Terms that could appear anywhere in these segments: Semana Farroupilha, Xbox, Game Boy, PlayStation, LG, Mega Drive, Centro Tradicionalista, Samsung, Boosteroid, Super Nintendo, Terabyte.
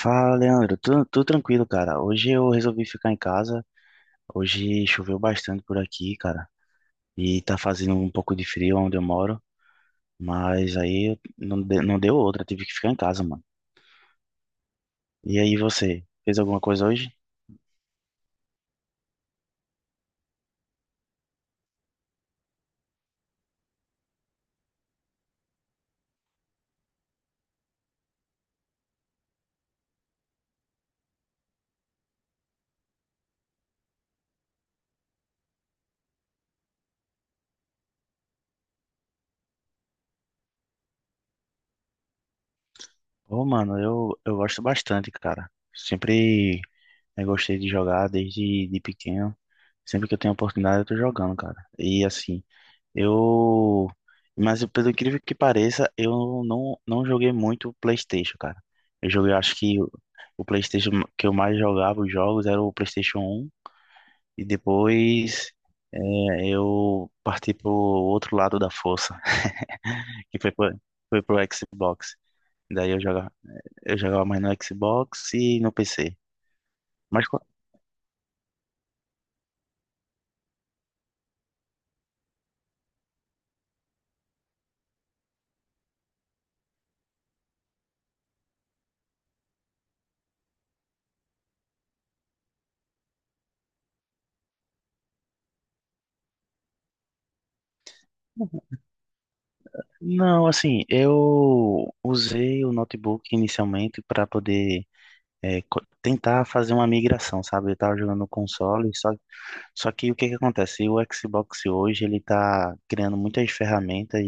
Fala, Leandro. Tudo tranquilo, cara. Hoje eu resolvi ficar em casa. Hoje choveu bastante por aqui, cara. E tá fazendo um pouco de frio onde eu moro. Mas aí não, não deu outra. Tive que ficar em casa, mano. E aí, você? Fez alguma coisa hoje? Ô, mano, eu gosto bastante, cara. Sempre eu gostei de jogar desde de pequeno. Sempre que eu tenho oportunidade, eu tô jogando, cara. E assim. Eu, mas pelo incrível que pareça, eu não joguei muito o PlayStation, cara. Eu joguei, acho que o PlayStation que eu mais jogava os jogos era o PlayStation 1. E depois, eu parti pro outro lado da força, que foi pro Xbox. Daí eu jogava mais no Xbox e no PC. Mas co- não, assim, eu usei o notebook inicialmente para poder tentar fazer uma migração, sabe? Eu tava jogando no console, só. Só que o que que acontece? O Xbox hoje, ele tá criando muitas ferramentas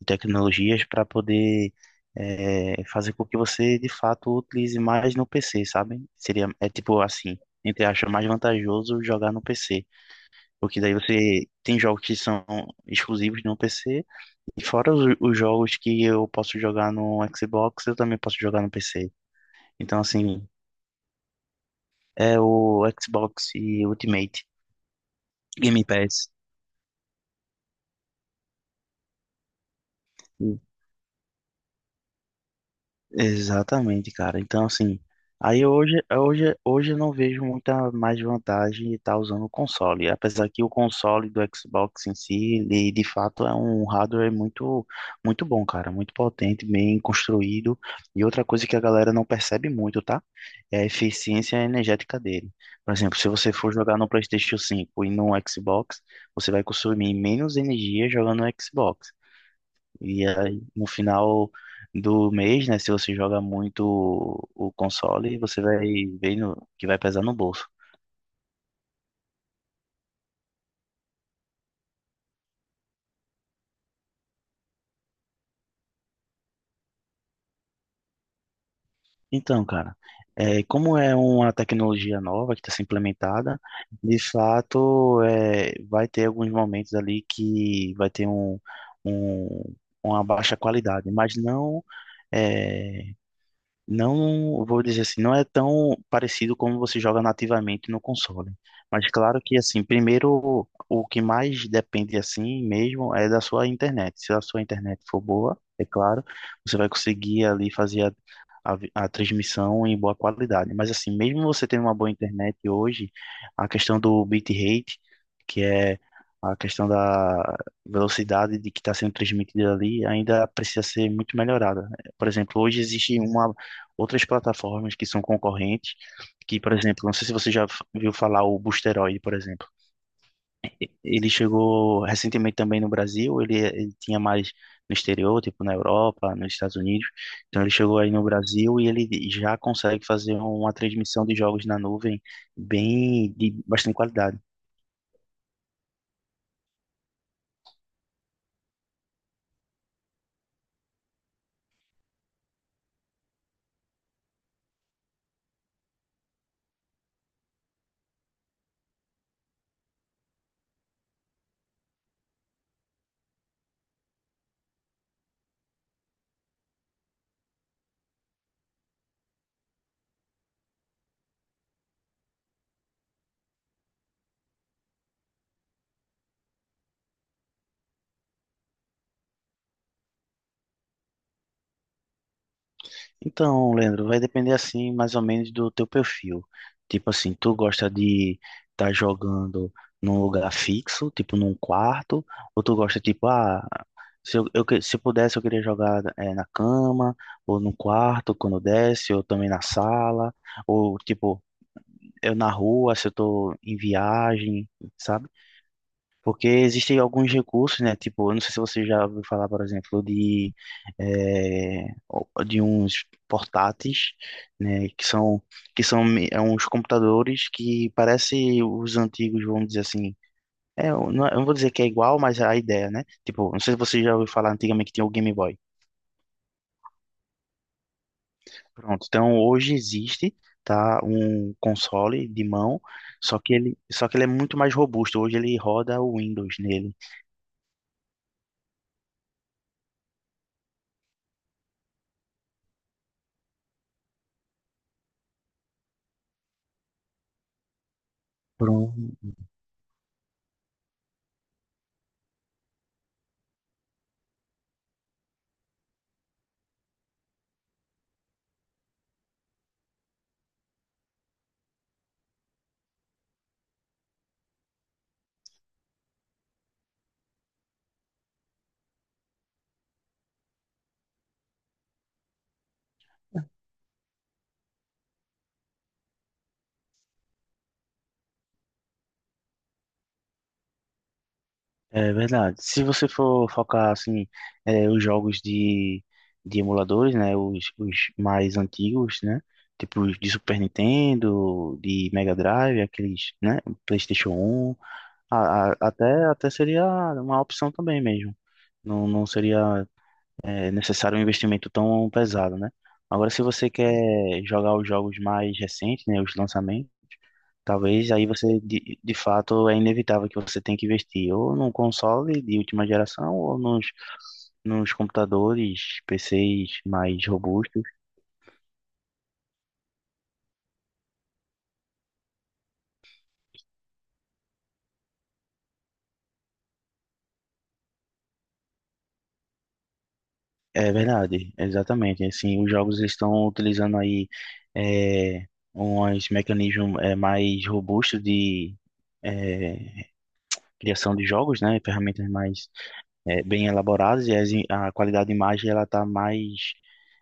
e tecnologias para poder fazer com que você, de fato, utilize mais no PC, sabe? Seria, é tipo assim, entre acha mais vantajoso jogar no PC, porque daí você tem jogos que são exclusivos no PC, e fora os jogos que eu posso jogar no Xbox, eu também posso jogar no PC. Então, assim, é o Xbox e Ultimate Game Pass. Exatamente, cara. Então, assim, aí hoje eu não vejo muita mais vantagem de estar usando o console. Apesar que o console do Xbox em si, ele de fato é um hardware muito, muito bom, cara. Muito potente, bem construído. E outra coisa que a galera não percebe muito, tá? É a eficiência energética dele. Por exemplo, se você for jogar no PlayStation 5 e no Xbox, você vai consumir menos energia jogando no Xbox. E aí, no final do mês, né, se você joga muito o console, você vai ver que vai pesar no bolso. Então, cara, como é uma tecnologia nova que está sendo implementada, de fato, vai ter alguns momentos ali que vai ter um- uma baixa qualidade, mas não é. Não vou dizer assim, não é tão parecido como você joga nativamente no console. Mas claro que assim, primeiro o que mais depende assim mesmo é da sua internet. Se a sua internet for boa, é claro, você vai conseguir ali fazer a transmissão em boa qualidade. Mas assim, mesmo você tendo uma boa internet hoje, a questão do bitrate, que é a questão da velocidade de que está sendo transmitida ali, ainda precisa ser muito melhorada. Por exemplo, hoje existe uma outras plataformas que são concorrentes, que, por exemplo, não sei se você já viu falar o Boosteroid, por exemplo. Ele chegou recentemente também no Brasil, ele tinha mais no exterior, tipo na Europa, nos Estados Unidos. Então ele chegou aí no Brasil e ele já consegue fazer uma transmissão de jogos na nuvem bem de bastante qualidade. Então, Leandro, vai depender assim, mais ou menos do teu perfil. Tipo assim, tu gosta de estar jogando num lugar fixo, tipo num quarto, ou tu gosta tipo, ah, se eu pudesse eu queria jogar na cama, ou no quarto quando desce, ou também na sala, ou tipo eu na rua se eu tô em viagem, sabe? Porque existem alguns recursos, né? Tipo, eu não sei se você já ouviu falar, por exemplo, de uns portáteis, né? É uns computadores que parecem os antigos, vamos dizer assim. É, eu não vou dizer que é igual, mas é a ideia, né? Tipo, não sei se você já ouviu falar antigamente que tinha o Game Boy. Pronto, então hoje existe, tá? Um console de mão, só que ele é muito mais robusto. Hoje ele roda o Windows nele. Pronto. É verdade. Se você for focar assim, os jogos de emuladores, né, os mais antigos, né, tipo os de Super Nintendo, de Mega Drive, aqueles, né, PlayStation 1, até seria uma opção também mesmo. Não, não seria necessário um investimento tão pesado, né? Agora, se você quer jogar os jogos mais recentes, né, os lançamentos, talvez aí você, de fato, é inevitável que você tenha que investir ou num console de última geração ou nos computadores, PCs mais robustos. É verdade, exatamente. Assim, os jogos eles estão utilizando aí é, uns mecanismos mais robustos de é, criação de jogos, né? Ferramentas mais bem elaboradas e a qualidade de imagem ela está mais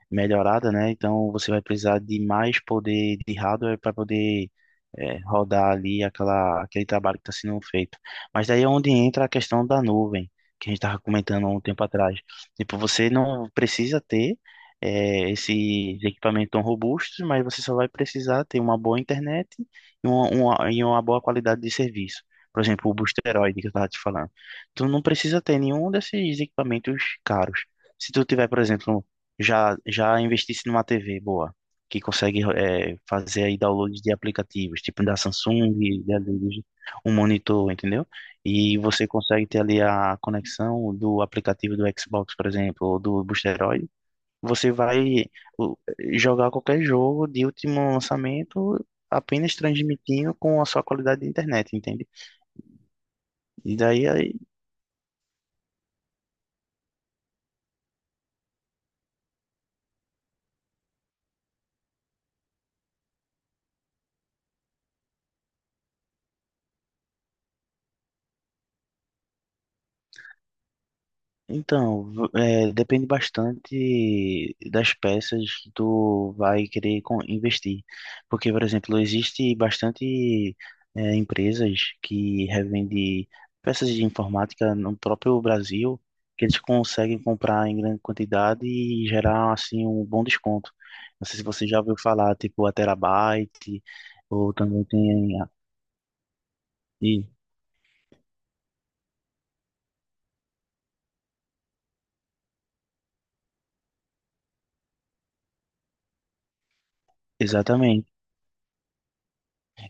melhorada, né? Então você vai precisar de mais poder de hardware para poder rodar ali aquele trabalho que está sendo feito. Mas daí é onde entra a questão da nuvem, que a gente estava comentando há um tempo atrás. Tipo, você não precisa ter esses equipamentos tão robustos, mas você só vai precisar ter uma boa internet e uma boa qualidade de serviço. Por exemplo, o Boosteroid que eu estava te falando tu não precisa ter nenhum desses equipamentos caros. Se tu tiver, por exemplo, já já investisse numa TV boa, que consegue fazer aí downloads de aplicativos, tipo da Samsung, da LG, um monitor, entendeu? E você consegue ter ali a conexão do aplicativo do Xbox, por exemplo, ou do Boosteroid. Você vai o, jogar qualquer jogo de último lançamento apenas transmitindo com a sua qualidade de internet, entende? E daí Então, depende bastante das peças que tu vai querer investir. Porque, por exemplo, existe bastante empresas que revendem peças de informática no próprio Brasil, que eles conseguem comprar em grande quantidade e gerar, assim, um bom desconto. Não sei se você já ouviu falar, tipo, a Terabyte, ou também tem. E, exatamente.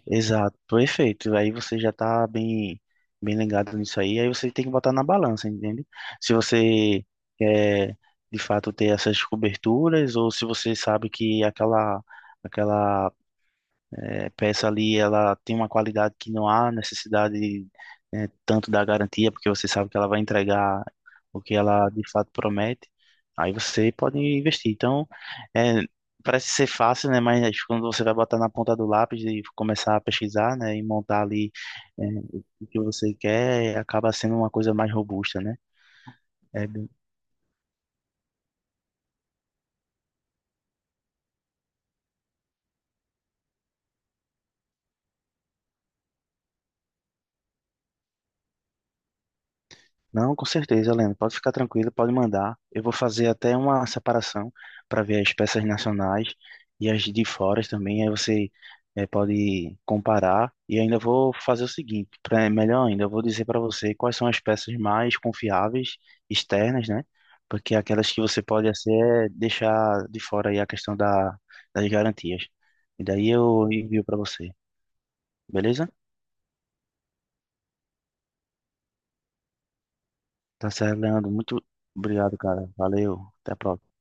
Exato, perfeito. Aí você já tá bem, bem ligado nisso aí. Aí você tem que botar na balança, entende? Se você quer de fato ter essas coberturas ou se você sabe que aquela peça ali, ela tem uma qualidade que não há necessidade, né, tanto da garantia, porque você sabe que ela vai entregar o que ela de fato promete. Aí você pode investir. Então, é, parece ser fácil, né? Mas quando você vai botar na ponta do lápis e começar a pesquisar, né, e montar ali é, o que você quer, acaba sendo uma coisa mais robusta, né? É. Não, com certeza, Helena. Pode ficar tranquilo, pode mandar. Eu vou fazer até uma separação para ver as peças nacionais e as de fora também. Aí você pode comparar. E ainda vou fazer o seguinte, pra, melhor ainda, eu vou dizer para você quais são as peças mais confiáveis externas, né? Porque aquelas que você pode assim, deixar de fora aí a questão das garantias. E daí eu envio para você, beleza? Tá certo, Leandro. Muito obrigado, cara. Valeu. Até a próxima.